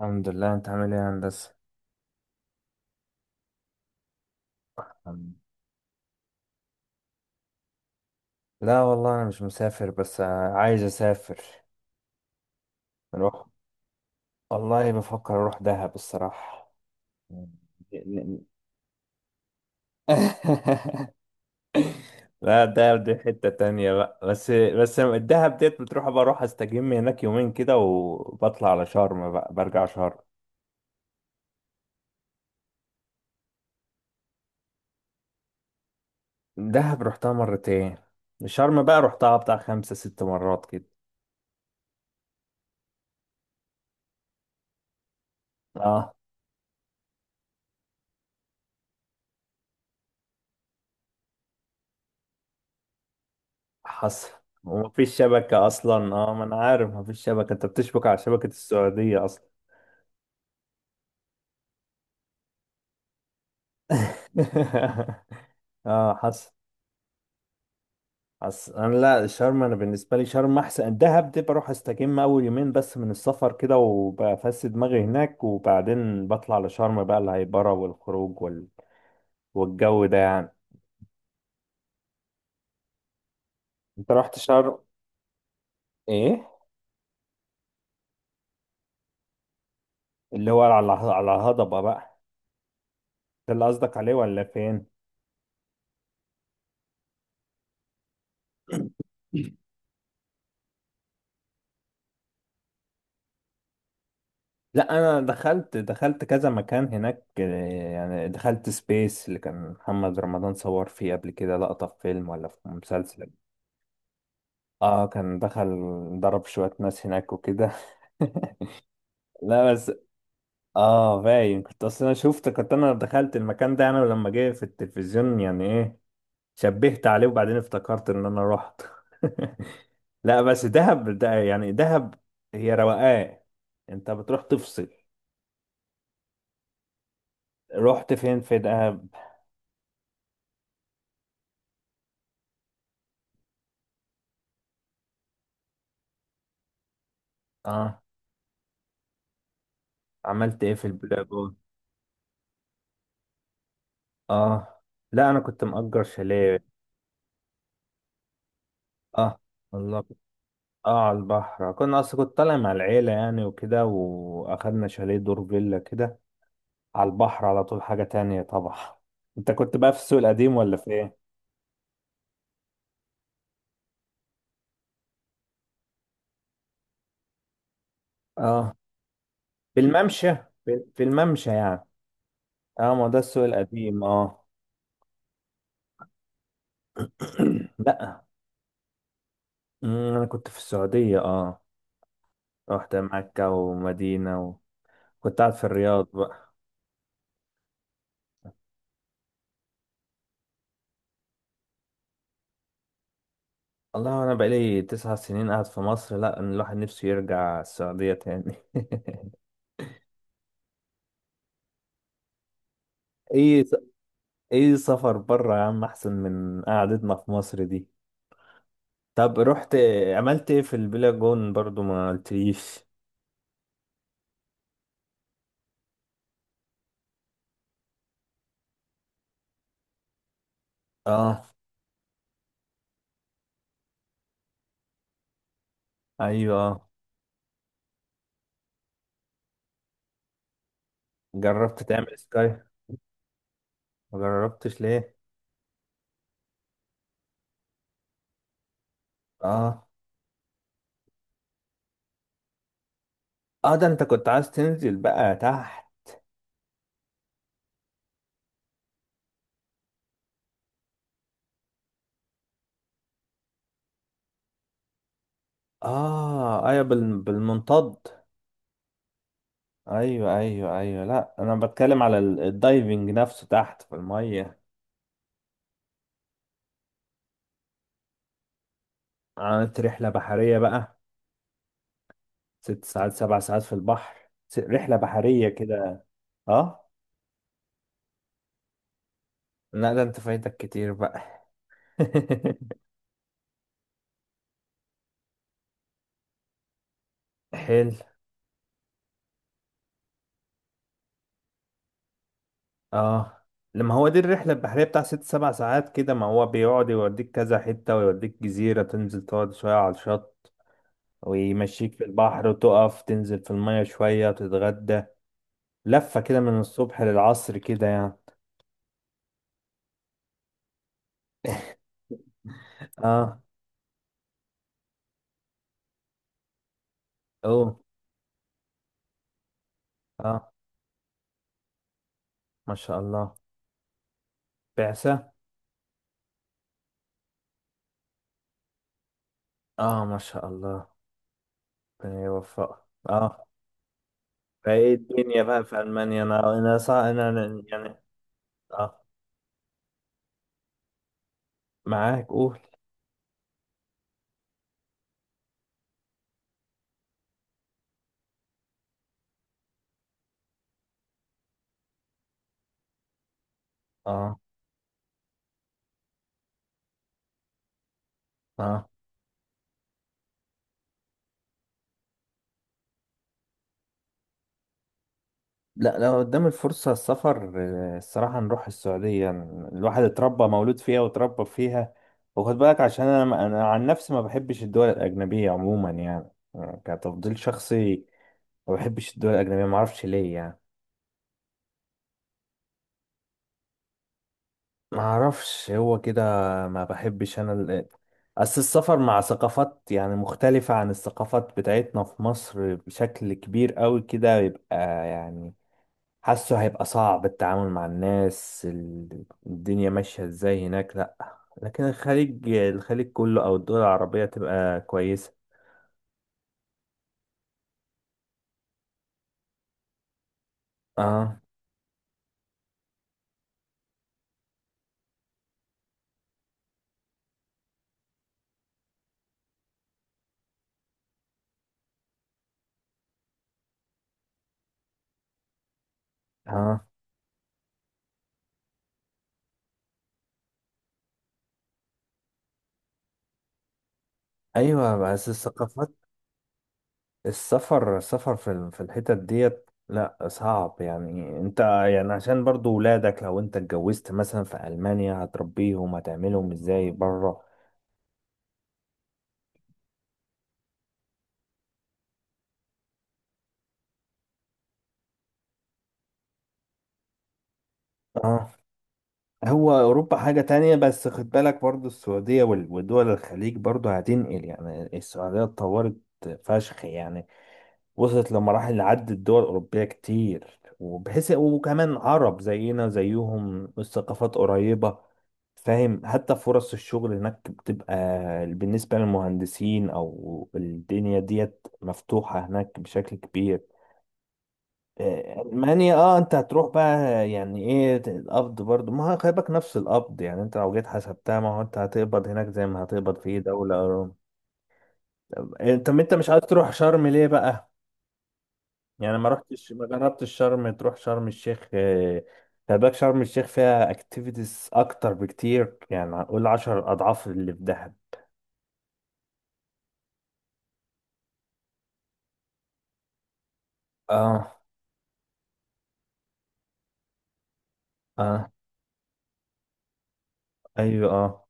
الحمد لله، انت عامل ايه يا هندسة؟ الحمد. لا والله انا مش مسافر، بس عايز اسافر. نروح. والله بفكر اروح دهب الصراحة. لا، دهب دي حتة تانية بقى، بس الدهب ديت بتروح، بروح استجم هناك يومين كده وبطلع على شرم بقى، برجع شرم. دهب رحتها مرتين. شرم بقى رحتها بتاع 5 6 مرات كده. اه، حصل. ومفيش شبكة أصلا. اه، ما أنا عارف مفيش شبكة، أنت بتشبك على شبكة السعودية أصلا. اه، حصل. حصل. أنا لا، شرم. أنا بالنسبة لي شرم أحسن. الدهب دي بروح أستجم أول يومين بس من السفر كده وبفس دماغي هناك، وبعدين بطلع لشرم بقى، الهيبرة والخروج والجو ده يعني. أنت رحت شرم؟ إيه؟ اللي هو على الهضبة بقى، ده اللي قصدك عليه ولا فين؟ لا، انا دخلت كذا مكان هناك. يعني دخلت سبيس، اللي كان محمد رمضان صور فيه قبل كده لقطة في فيلم ولا في مسلسل. اه، كان دخل ضرب شوية ناس هناك وكده. لا بس. اه، باين كنت اصلا، انا شفت كنت، انا دخلت المكان ده انا لما جه في التلفزيون يعني، ايه، شبهت عليه وبعدين افتكرت ان انا رحت. لا بس دهب ده يعني دهب. هي روقان. انت بتروح تفصل. رحت فين في دهب؟ اه. عملت ايه في البلاي جون؟ اه. لا انا كنت مأجر شاليه. اه. والله اه، على البحر. كنا اصلا كنت طالع مع العيلة يعني وكده، واخدنا شاليه دور فيلا كده، على البحر على طول. حاجة تانية طبعا. انت كنت بقى في السوق القديم ولا في ايه؟ اه، في الممشى. في الممشى يعني. اه، ما ده السوق القديم، اه. لا. مم، انا كنت في السعودية، اه. رحت مكة ومدينة، وكنت قاعد في الرياض بقى. والله انا بقالي 9 سنين قاعد في مصر. لا، أنا الواحد نفسه يرجع السعودية تاني. ايه س- ايه، سفر بره يا عم احسن من قعدتنا في مصر دي. طب رحت عملت ايه في البلاجون برضو، ما قلتليش. اه، ايوه. جربت تعمل سكاي؟ ما جربتش ليه؟ اه، اه. ده انت كنت عايز تنزل بقى تحت. اه، ايوه، بالمنطاد. ايوه، ايوه، ايوه، لا انا بتكلم على الدايفنج نفسه تحت في المية. عملت رحلة بحرية بقى، 6 ساعات 7 ساعات في البحر، رحلة بحرية كده. اه. لا، ده انت فايتك كتير بقى. حلو. اه، لما هو دي الرحلة البحرية بتاع 6 7 ساعات كده، ما هو بيقعد يوديك كذا حتة، ويوديك جزيرة تنزل تقعد شوية على الشط، ويمشيك في البحر وتقف تنزل في المية شوية وتتغدى، لفة كده من الصبح للعصر كده يعني. اه. اوه. اه. ما شاء الله. بعثة؟ اه، ما شاء الله، ربنا يوفقك. اه. فايه الدنيا بقى في المانيا؟ انا يعني. اه. معاك، قول. اه، اه. لا، لو قدام الفرصة السفر، الصراحة نروح السعودية. الواحد اتربى، مولود فيها واتربى فيها. وخد بالك عشان انا عن نفسي ما بحبش الدول الأجنبية عموما يعني، كتفضيل شخصي. ما بحبش الدول الأجنبية، ما اعرفش ليه يعني. ما اعرفش، هو كده. ما بحبش انا اصل السفر مع ثقافات يعني مختلفة عن الثقافات بتاعتنا في مصر بشكل كبير قوي كده، يبقى يعني، حاسه هيبقى صعب التعامل مع الناس، الدنيا ماشية ازاي هناك، لا. لكن الخليج، الخليج كله او الدول العربية تبقى كويسة. اه، اه، ايوه، بس الثقافات، السفر في في الحتت ديت لا، صعب يعني، انت يعني عشان برضو ولادك لو انت اتجوزت مثلا في ألمانيا هتربيهم، هتعملهم ازاي بره؟ اه. هو اوروبا حاجة تانية، بس خد بالك برضو السعودية ودول الخليج برضو هتنقل، يعني السعودية اتطورت فشخ يعني، وصلت لمراحل عدت دول أوروبية كتير، وبحيث وكمان عرب زينا زيهم، الثقافات قريبة. فاهم، حتى فرص الشغل هناك بتبقى بالنسبة للمهندسين، أو الدنيا ديت مفتوحة هناك بشكل كبير. ألمانيا، اه، انت هتروح بقى يعني، ايه القبض برضو؟ ما هو خلي بالك نفس القبض يعني، انت لو جيت حسبتها، ما هو انت هتقبض هناك زي ما هتقبض في اي دولة. انت مش عايز تروح شرم ليه بقى؟ يعني ما رحتش ما جربتش شرم، تروح شرم الشيخ. خلي بالك شرم الشيخ فيها اكتيفيتيز اكتر بكتير، يعني هنقول 10 اضعاف اللي في دهب. اه، اه، ايوه، اه.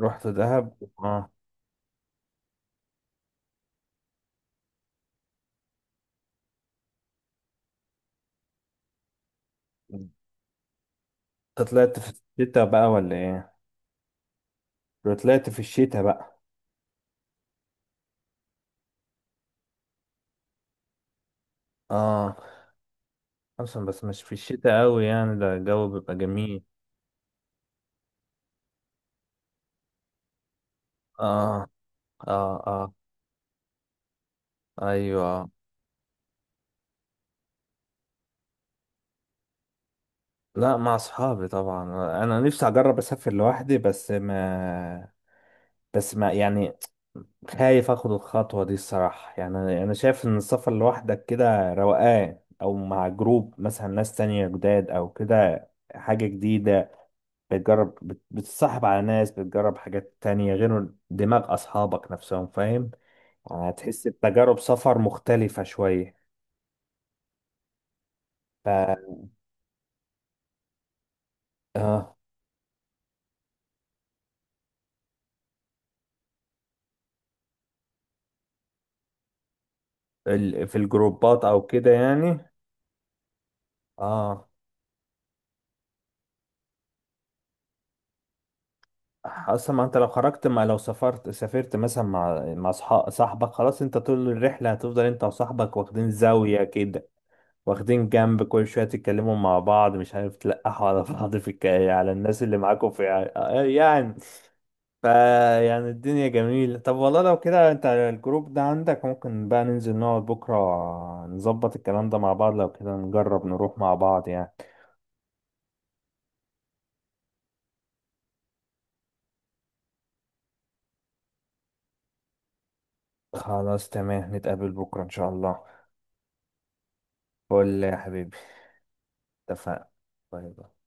رحت دهب، اه. انت طلعت في الشتاء بقى ولا ايه؟ لو طلعت في الشتاء بقى؟ اه، اصلا بس مش في الشتاء قوي يعني، ده الجو بيبقى جميل. اه، اه، اه، ايوه. لا، مع اصحابي طبعا. انا نفسي اجرب اسافر لوحدي، بس ما يعني، خايف اخد الخطوة دي الصراحة، يعني انا شايف ان السفر لوحدك كده روقان، او مع جروب مثلا ناس تانية جداد او كده، حاجة جديدة. بتجرب، بتتصاحب على ناس، بتجرب حاجات تانية غير دماغ اصحابك نفسهم، فاهم، يعني هتحس بتجارب سفر مختلفة شوية. ف اه، في الجروبات او كده يعني. اه، اصلا ما انت لو خرجت، ما لو سافرت مثلا مع صاحبك، خلاص انت طول الرحله هتفضل انت وصاحبك واخدين زاويه كده، واخدين جنب، كل شويه تتكلموا مع بعض، مش عارف تلقحوا على بعض في على الناس اللي معاكم في. يعني، فا يعني الدنيا جميله. طب والله لو كده انت الجروب ده عندك، ممكن بقى ننزل نقعد بكره نظبط الكلام ده مع بعض، لو كده نجرب نروح مع بعض يعني. خلاص تمام، نتقابل بكره ان شاء الله. قول لي يا حبيبي. اتفقنا. باي باي.